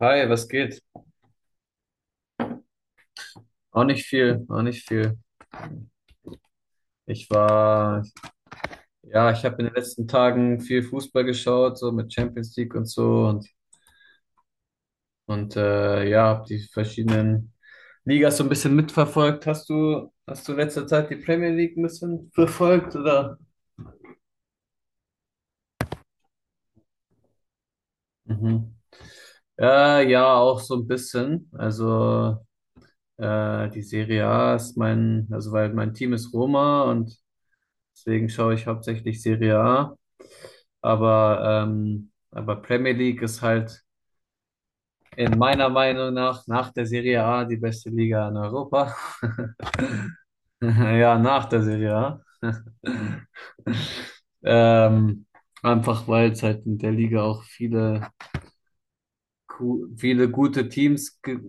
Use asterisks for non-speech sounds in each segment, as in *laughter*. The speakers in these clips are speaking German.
Hi, was geht? Auch nicht viel, auch nicht viel. Ich war, ja, ich habe in den letzten Tagen viel Fußball geschaut, so mit Champions League und so und, ja, habe die verschiedenen Ligas so ein bisschen mitverfolgt. Hast du in letzter Zeit die Premier League ein bisschen verfolgt oder? Mhm. Ja, auch so ein bisschen. Also die Serie A ist mein, also weil mein Team ist Roma und deswegen schaue ich hauptsächlich Serie A. Aber Premier League ist halt in meiner Meinung nach der Serie A die beste Liga in Europa. *laughs* Ja, nach der Serie A. Ähm, einfach weil es halt in der Liga auch viele, viele gute Teams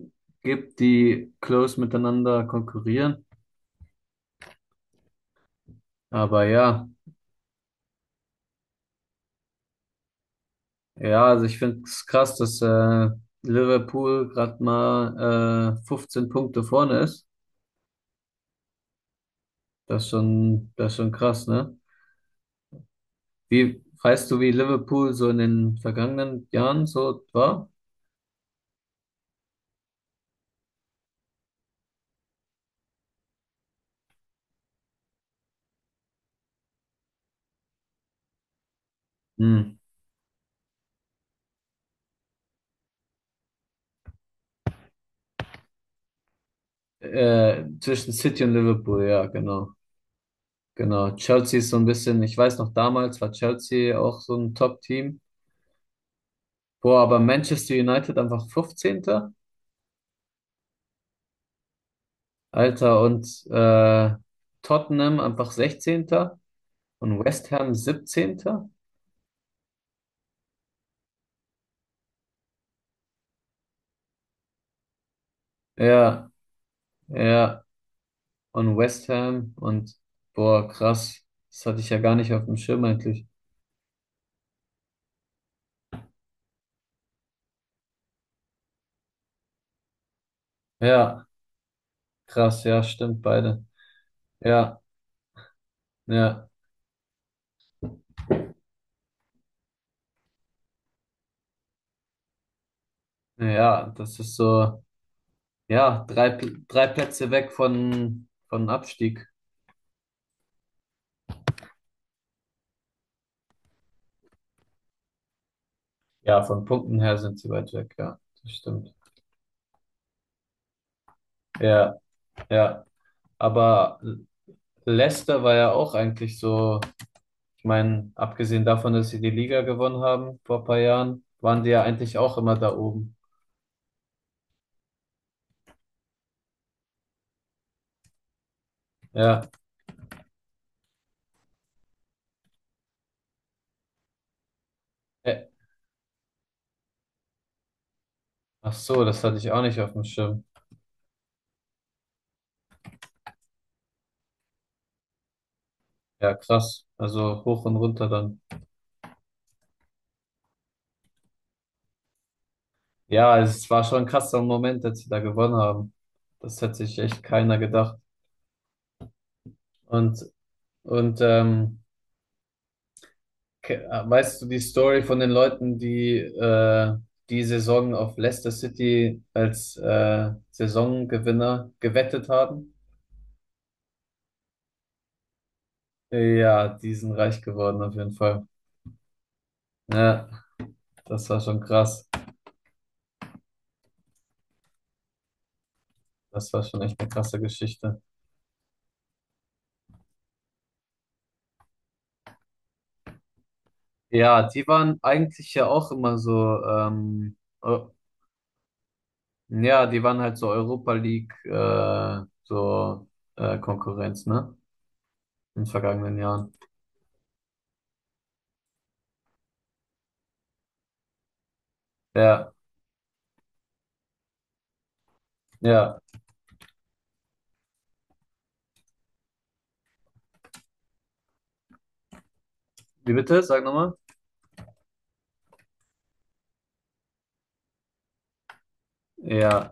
gibt, die close miteinander konkurrieren. Aber ja, ja, also ich finde es krass, dass Liverpool gerade mal 15 Punkte vorne ist. Das ist schon krass, ne? Wie Weißt du, wie Liverpool so in den vergangenen Jahren so war? Hm. Zwischen City und Liverpool, ja, genau. Genau. Chelsea ist so ein bisschen, ich weiß noch, damals war Chelsea auch so ein Top-Team. Boah, aber Manchester United einfach 15. Alter, und Tottenham einfach 16. Und West Ham 17. Ja, ja, und West Ham und boah, krass. Das hatte ich ja gar nicht auf dem Schirm eigentlich. Ja. Krass, ja, stimmt, beide. Ja, ja, ja, das ist so, ja, drei, drei Plätze weg von Abstieg. Ja, von Punkten her sind sie weit weg, ja, das stimmt. Ja, ja, aber Leicester war ja auch eigentlich so, ich meine, abgesehen davon, dass sie die Liga gewonnen haben vor ein paar Jahren, waren die ja eigentlich auch immer da oben. Ja, Ä- ach so, das hatte ich auch nicht auf dem Schirm. Ja, krass, also hoch und runter dann. Ja, es war schon ein krasser Moment, als sie da gewonnen haben. Das hätte sich echt keiner gedacht. Und, und weißt du die Story von den Leuten, die Saison auf Leicester City als Saisongewinner gewettet haben? Ja, die sind reich geworden auf jeden Fall. Ja, das war schon krass. Das war schon echt eine krasse Geschichte. Ja, die waren eigentlich ja auch immer so ähm, eu- Ja, die waren halt so Europa League, so Konkurrenz, ne? In den vergangenen Jahren. Ja, ja. Wie bitte? Sag nochmal. Ja,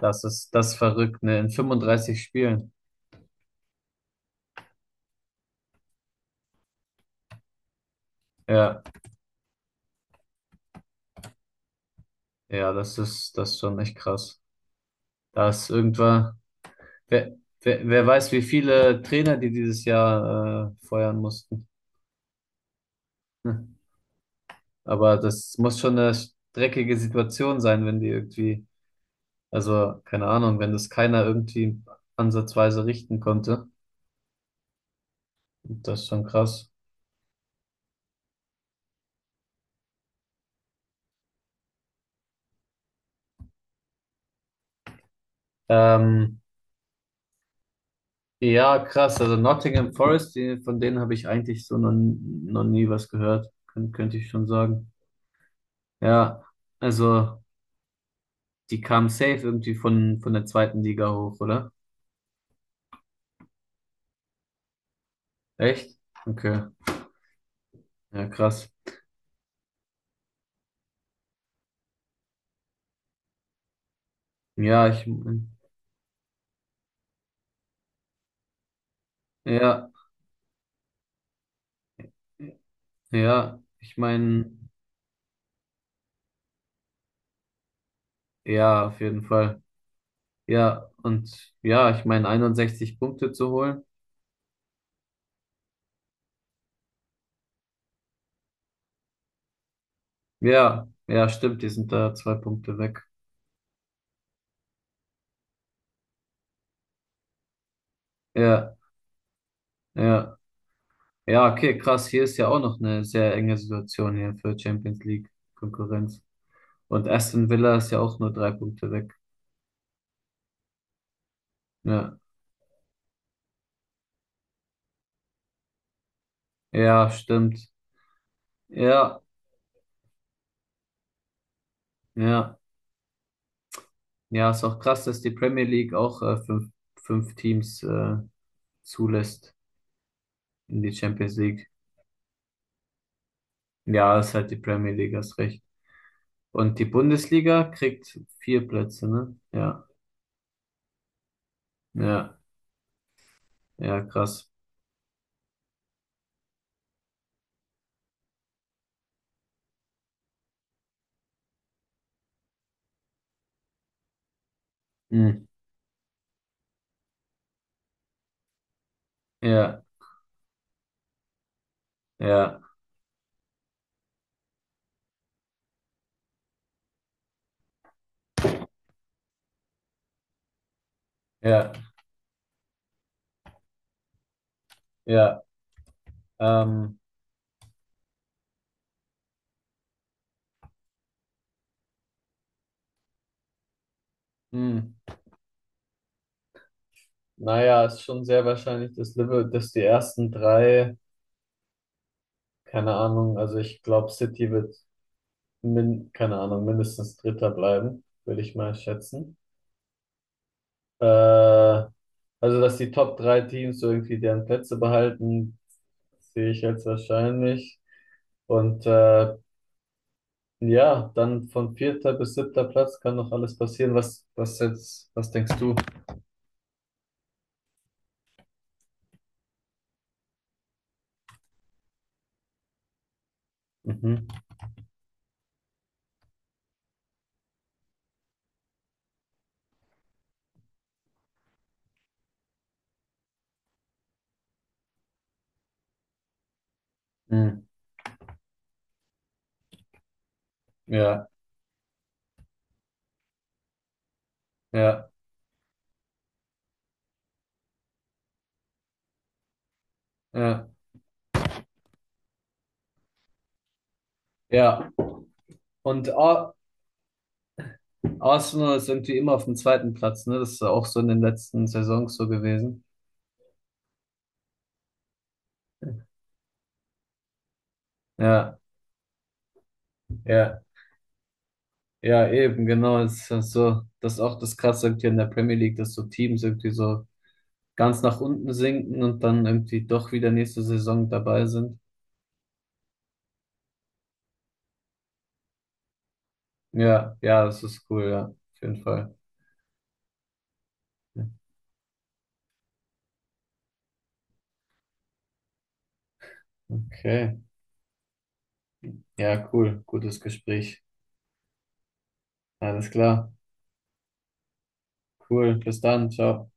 das ist verrückt, ne? In 35 Spielen. Ja, ja, das ist schon echt krass. Da ist irgendwann, wer, wer weiß, wie viele Trainer die dieses Jahr feuern mussten. *laughs* Hm. Aber das muss schon eine dreckige Situation sein, wenn die irgendwie. Also, keine Ahnung, wenn das keiner irgendwie ansatzweise richten konnte. Das ist schon krass. Ähm, ja, krass. Also Nottingham Forest, von denen habe ich eigentlich so noch nie was gehört, könnte ich schon sagen. Ja, also die kamen safe irgendwie von der zweiten Liga hoch, oder? Echt? Okay. Ja, krass. Ja, ja, ja, ich meine, ja, auf jeden Fall. Ja, und ja, ich meine, 61 Punkte zu holen. Ja, ja, stimmt, die sind da zwei Punkte weg. Ja, ja, ja, okay, krass. Hier ist ja auch noch eine sehr enge Situation hier für Champions League Konkurrenz. Und Aston Villa ist ja auch nur drei Punkte weg. Ja, ja, stimmt. Ja, ja, ja, ist auch krass, dass die Premier League auch fünf Teams zulässt in die Champions League. Ja, ist halt die Premier League, hast recht. Und die Bundesliga kriegt vier Plätze, ne? Ja, ja, ja, krass. Mhm. Ja. Ja, ja, ja. Ähm, hm. Naja, ist schon sehr wahrscheinlich, dass die ersten drei, keine Ahnung, also ich glaube, City wird, keine Ahnung, mindestens Dritter bleiben, würde ich mal schätzen. Äh, also, dass die Top drei Teams so irgendwie deren Plätze behalten, sehe ich jetzt wahrscheinlich. Und ja, dann von vierter bis siebter Platz kann noch alles passieren. Was denkst du? Mhm. Mhm. Ja, ja. Ja, ja. Und Ar Arsenal ist irgendwie immer auf dem zweiten Platz, ne? Das ist ja auch so in den letzten Saisons so gewesen. Ja, ja, ja, eben, genau. Das ist ja so, das ist auch das Krasse irgendwie in der Premier League, dass so Teams irgendwie so ganz nach unten sinken und dann irgendwie doch wieder nächste Saison dabei sind. Ja, ja, das ist cool, ja, auf jeden Fall. Okay, ja, cool. Gutes Gespräch. Alles klar. Cool. Bis dann. Ciao.